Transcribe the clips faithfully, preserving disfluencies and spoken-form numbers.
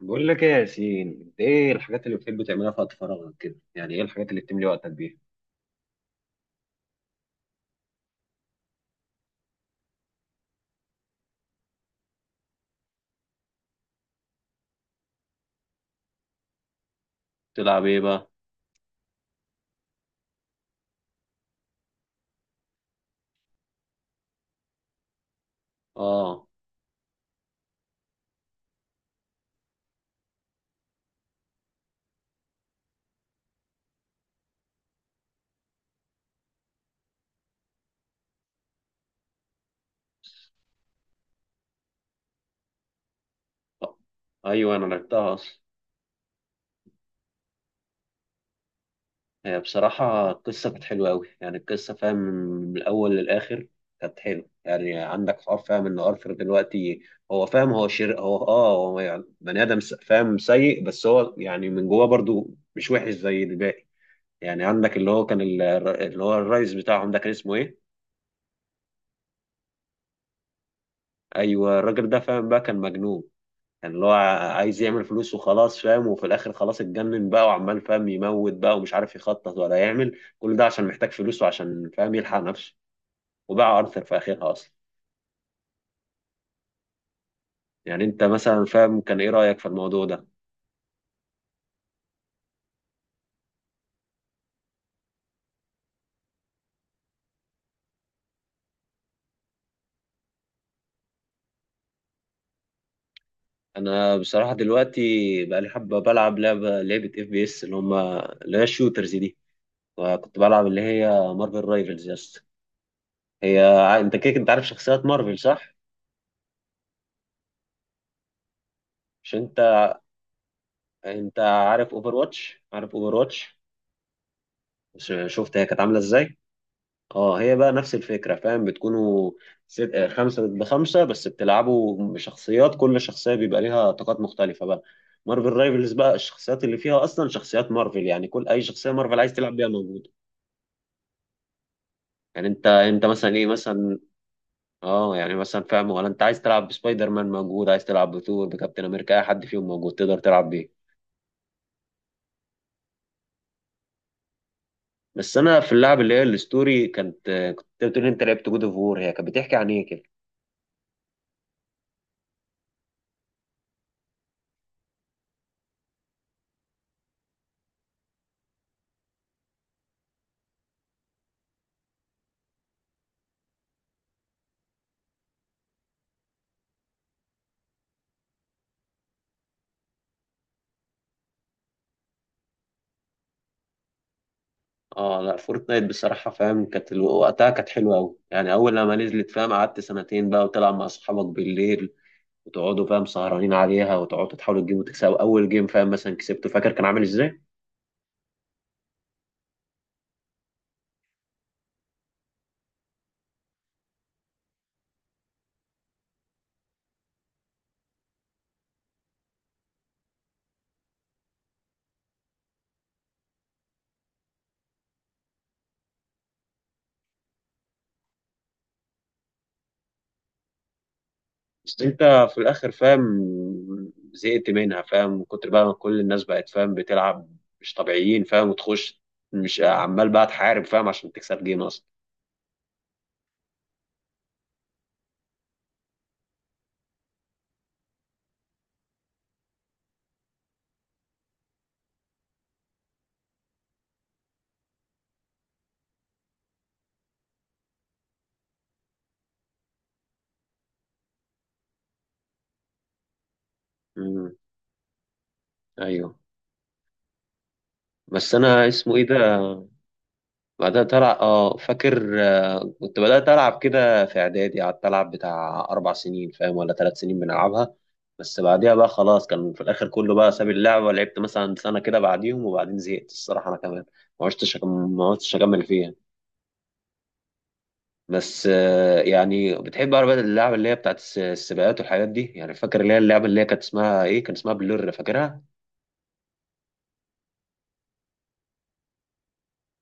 بقول لك ايه يا ياسين، انت ايه الحاجات اللي بتحب تعملها في وقت فراغك كده؟ يعني ايه الحاجات اللي بتملي وقتك بيها؟ تلعب ايه بقى؟ اه. آه. ايوه انا لعبتها اصلا. هي بصراحه القصه كانت حلوه قوي، يعني القصه فاهم من الاول للاخر. كانت حلوه، يعني عندك حوار فاهم ان ارثر دلوقتي هو فاهم هو شر، هو اه هو يعني بني ادم س- فاهم سيء، بس هو يعني من جواه برضو مش وحش زي الباقي. يعني عندك اللي هو كان ال- اللي هو الرئيس بتاعهم ده، كان اسمه ايه؟ ايوه الراجل ده فاهم بقى كان مجنون. كان اللي هو عايز يعمل فلوس وخلاص فاهم، وفي الاخر خلاص اتجنن بقى وعمال فاهم يموت بقى ومش عارف يخطط ولا يعمل، كل ده عشان محتاج فلوس وعشان فاهم يلحق نفسه، وباع ارثر في اخرها اصلا. يعني انت مثلا فاهم كان ايه رايك في الموضوع ده؟ انا بصراحه دلوقتي بقى لي حبه بلعب لعبه لعبه اف بي اس، اللي هم اللي هي الشوترز دي. وكنت بلعب اللي هي مارفل رايفلز يا اسطى. هي، انت كده انت عارف شخصيات مارفل صح؟ مش انت، انت عارف اوفر واتش عارف اوفر واتش؟ شفت هي كانت عامله ازاي؟ اه، هي بقى نفس الفكرة فاهم، بتكونوا ست... آه، خمسة ضد خمسة، بس بتلعبوا بشخصيات، كل شخصية بيبقى ليها طاقات مختلفة بقى. مارفل رايفلز بقى الشخصيات اللي فيها أصلا شخصيات مارفل، يعني كل أي شخصية مارفل عايز تلعب بيها موجودة. يعني أنت أنت مثلا إيه مثلا، اه يعني مثلا فاهم، ولا أنت عايز تلعب بسبايدر مان موجود، عايز تلعب بثور بكابتن أمريكا، أي حد فيهم موجود تقدر تلعب بيه. بس أنا في اللعب اللي هي الستوري كانت آه، كنت بتقول أنت لعبت جود أوف وور، هي كانت بتحكي عن إيه كده؟ اه لا، فورتنايت بصراحة فاهم كانت الو- وقتها كانت حلوة أوي، يعني أول لما نزلت فاهم قعدت سنتين بقى وتلعب مع أصحابك بالليل، وتقعدوا فاهم سهرانين عليها، وتقعدوا تحاولوا تجيبوا تكسبوا أول جيم. فاهم مثلا كسبته فاكر كان عامل إزاي؟ بس أنت في الآخر فاهم زهقت منها، فاهم من كتر بقى ما كل الناس بقت فاهم بتلعب مش طبيعيين، فاهم وتخش مش عمال بقى تحارب فاهم عشان تكسب جيم أصلا. امم. أيوه. بس أنا اسمه إيه ده. بدأت ألعب، اه فاكر آه، كنت بدأت ألعب كده في إعدادي، قعدت ألعب بتاع أربع سنين فاهم ولا ثلاث سنين بنلعبها. بس بعديها بقى خلاص كان في الآخر كله بقى ساب اللعبة، لعبت مثلا سنة كده بعديهم وبعدين زهقت الصراحة أنا كمان. ما عشتش أكم- ما عشتش أكمل فيها. بس آه، يعني بتحب بقى اللعبة اللي هي بتاعت الس- السباقات والحاجات دي؟ يعني فاكر اللي هي اللعبة اللي هي كانت اسمها إيه، كان اسمها بلور فاكرها؟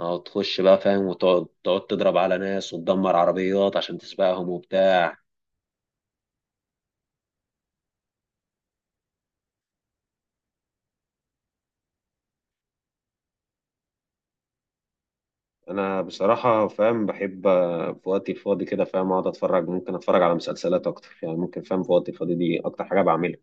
اه تخش بقى فاهم وتقعد تقعد تضرب على ناس وتدمر عربيات عشان تسبقهم وبتاع. انا بصراحه فاهم بحب آه، في وقتي الفاضي كده فاهم اقعد اتفرج، ممكن اتفرج على مسلسلات اكتر، يعني ممكن فاهم في وقتي الفاضي دي اكتر حاجه بعملها.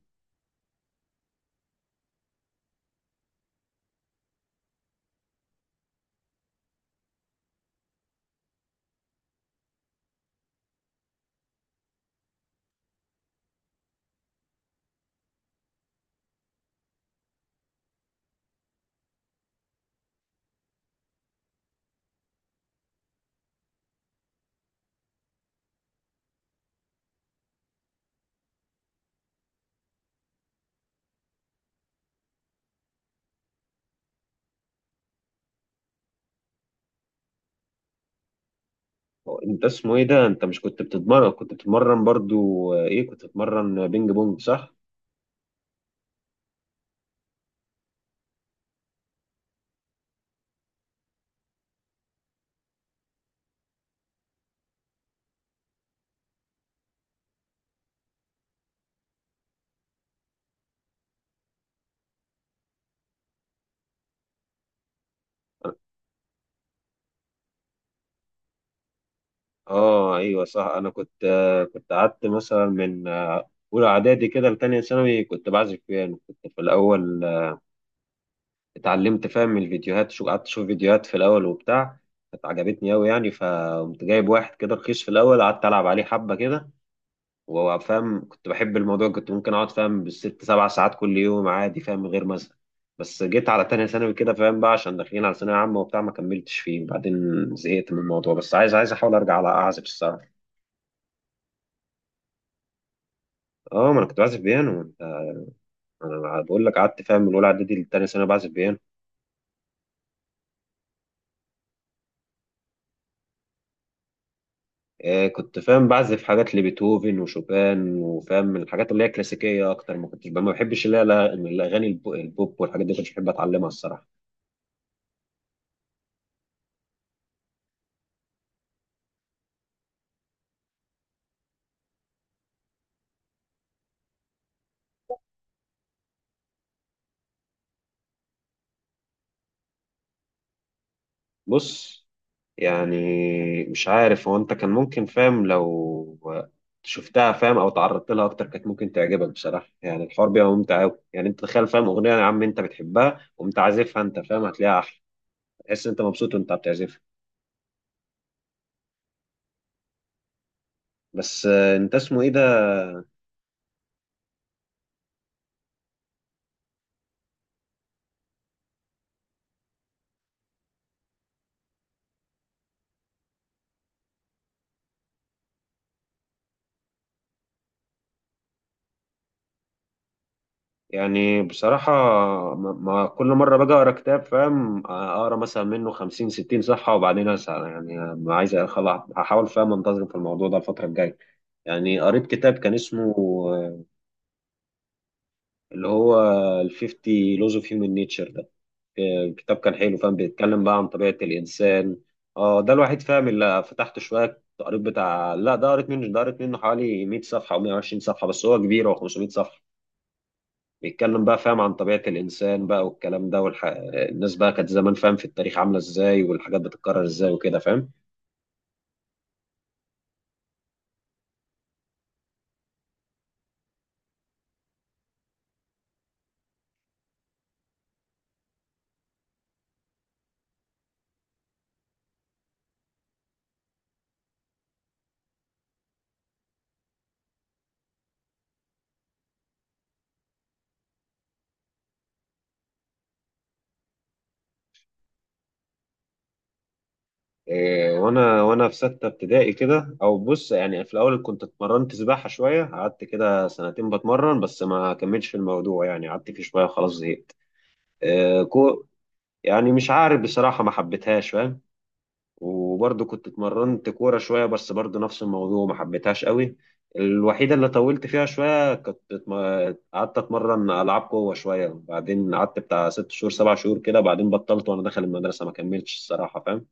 هو انت اسمه ايه ده، انت مش كنت بتتمرن كنت بتتمرن برضو آه، ايه كنت بتتمرن بينج بونج صح؟ اه ايوه صح، انا كنت آه، كنت قعدت مثلا من آه، اولى اعدادي كده لتانية ثانوي كنت بعزف بيانو. كنت في الاول آه، اتعلمت فاهم من الفيديوهات، شو قعدت اشوف فيديوهات في الاول وبتاع. كانت عجبتني قوي يعني، فقمت جايب واحد كده رخيص في الاول قعدت العب عليه حبه كده، وفاهم كنت بحب الموضوع، كنت ممكن اقعد فاهم بالست سبع ساعات كل يوم عادي فاهم من غير مثلا. بس جيت على تانية ثانوي كده فاهم بقى، عشان داخلين على ثانوية عامة وبتاع ما كملتش فيه، وبعدين زهقت من الموضوع. بس عايز عايز احاول ارجع على اعزف الصراحة. اه ما انا كنت بعزف بيانو انت، انا بقول لك قعدت فاهم من اولى اعدادي لتانية ثانوي بعزف بيانو. آه كنت فاهم بعزف حاجات لبيتهوفن وشوبان وفاهم الحاجات اللي هي كلاسيكية اكتر، ما كنتش ما بحبش اللي هي لا- الاغاني الب- البوب والحاجات دي، كنتش بحب اتعلمها الصراحة. بص، يعني مش عارف، هو انت كان ممكن فاهم لو شفتها فاهم او تعرضت لها اكتر كانت ممكن تعجبك بصراحه. يعني الحوار بيبقى ممتع قوي، يعني انت تخيل فاهم اغنيه يا عم انت بتحبها وانت عازفها، انت فاهم هتلاقيها احلى، تحس انت مبسوط وانت بتعزفها. بس آه، انت اسمه ايه ده. يعني بصراحه، ما ما كل مره باجي اقرا كتاب فاهم آه، اقرا مثلا منه خمسين ستين صفحه وبعدين اسال، يعني ما عايز أخلع- هحاول فاهم انتظم في الموضوع ده الفتره الجايه. يعني قريت كتاب كان اسمه اللي هو ال خمسين Laws of Human Nature ده. آه، كتاب كان حلو فاهم، بيتكلم بقى عن طبيعة الإنسان. اه ده الوحيد فاهم اللي فتحت شوية قريت بتاع، لا ده قريت منه ده قريت منه حوالي مية صفحة أو مية وعشرين صفحة، بس هو كبير هو خمسمية صفحة. بيتكلم بقى فاهم عن طبيعة الإنسان بقى والكلام ده والح... الناس بقى كانت زمان فاهم في التاريخ عاملة إزاي، والحاجات بتتكرر إزاي وكده فاهم. إيه، وانا وانا في سته ابتدائي كده، او بص يعني في الاول كنت اتمرنت سباحه شويه، قعدت كده سنتين بتمرن بس ما كملتش في الموضوع، يعني قعدت فيه شويه خلاص زهقت. إيه، كو يعني مش عارف بصراحه، ما حبيتهاش فاهم. وبرضه كنت اتمرنت كوره شويه، بس برضه نفس الموضوع ما حبيتهاش قوي. الوحيده اللي طولت فيها شويه، كنت اتم- قعدت اتمرن العاب قوه شويه، بعدين قعدت بتاع ست شهور سبع شهور كده بعدين بطلت، وانا داخل المدرسه ما كملتش الصراحه فاهم.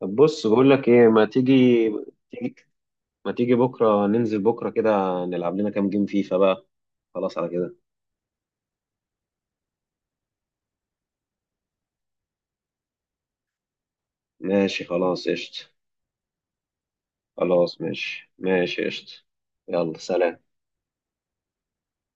طب بص بقول لك ايه، ما تيجي تيجي ما تيجي بكره ننزل بكره كده، نلعب لنا كام جيم فيفا بقى، خلاص على كده. ماشي خلاص قشطة. خلاص ماشي، ماشي قشطة. يلا سلام.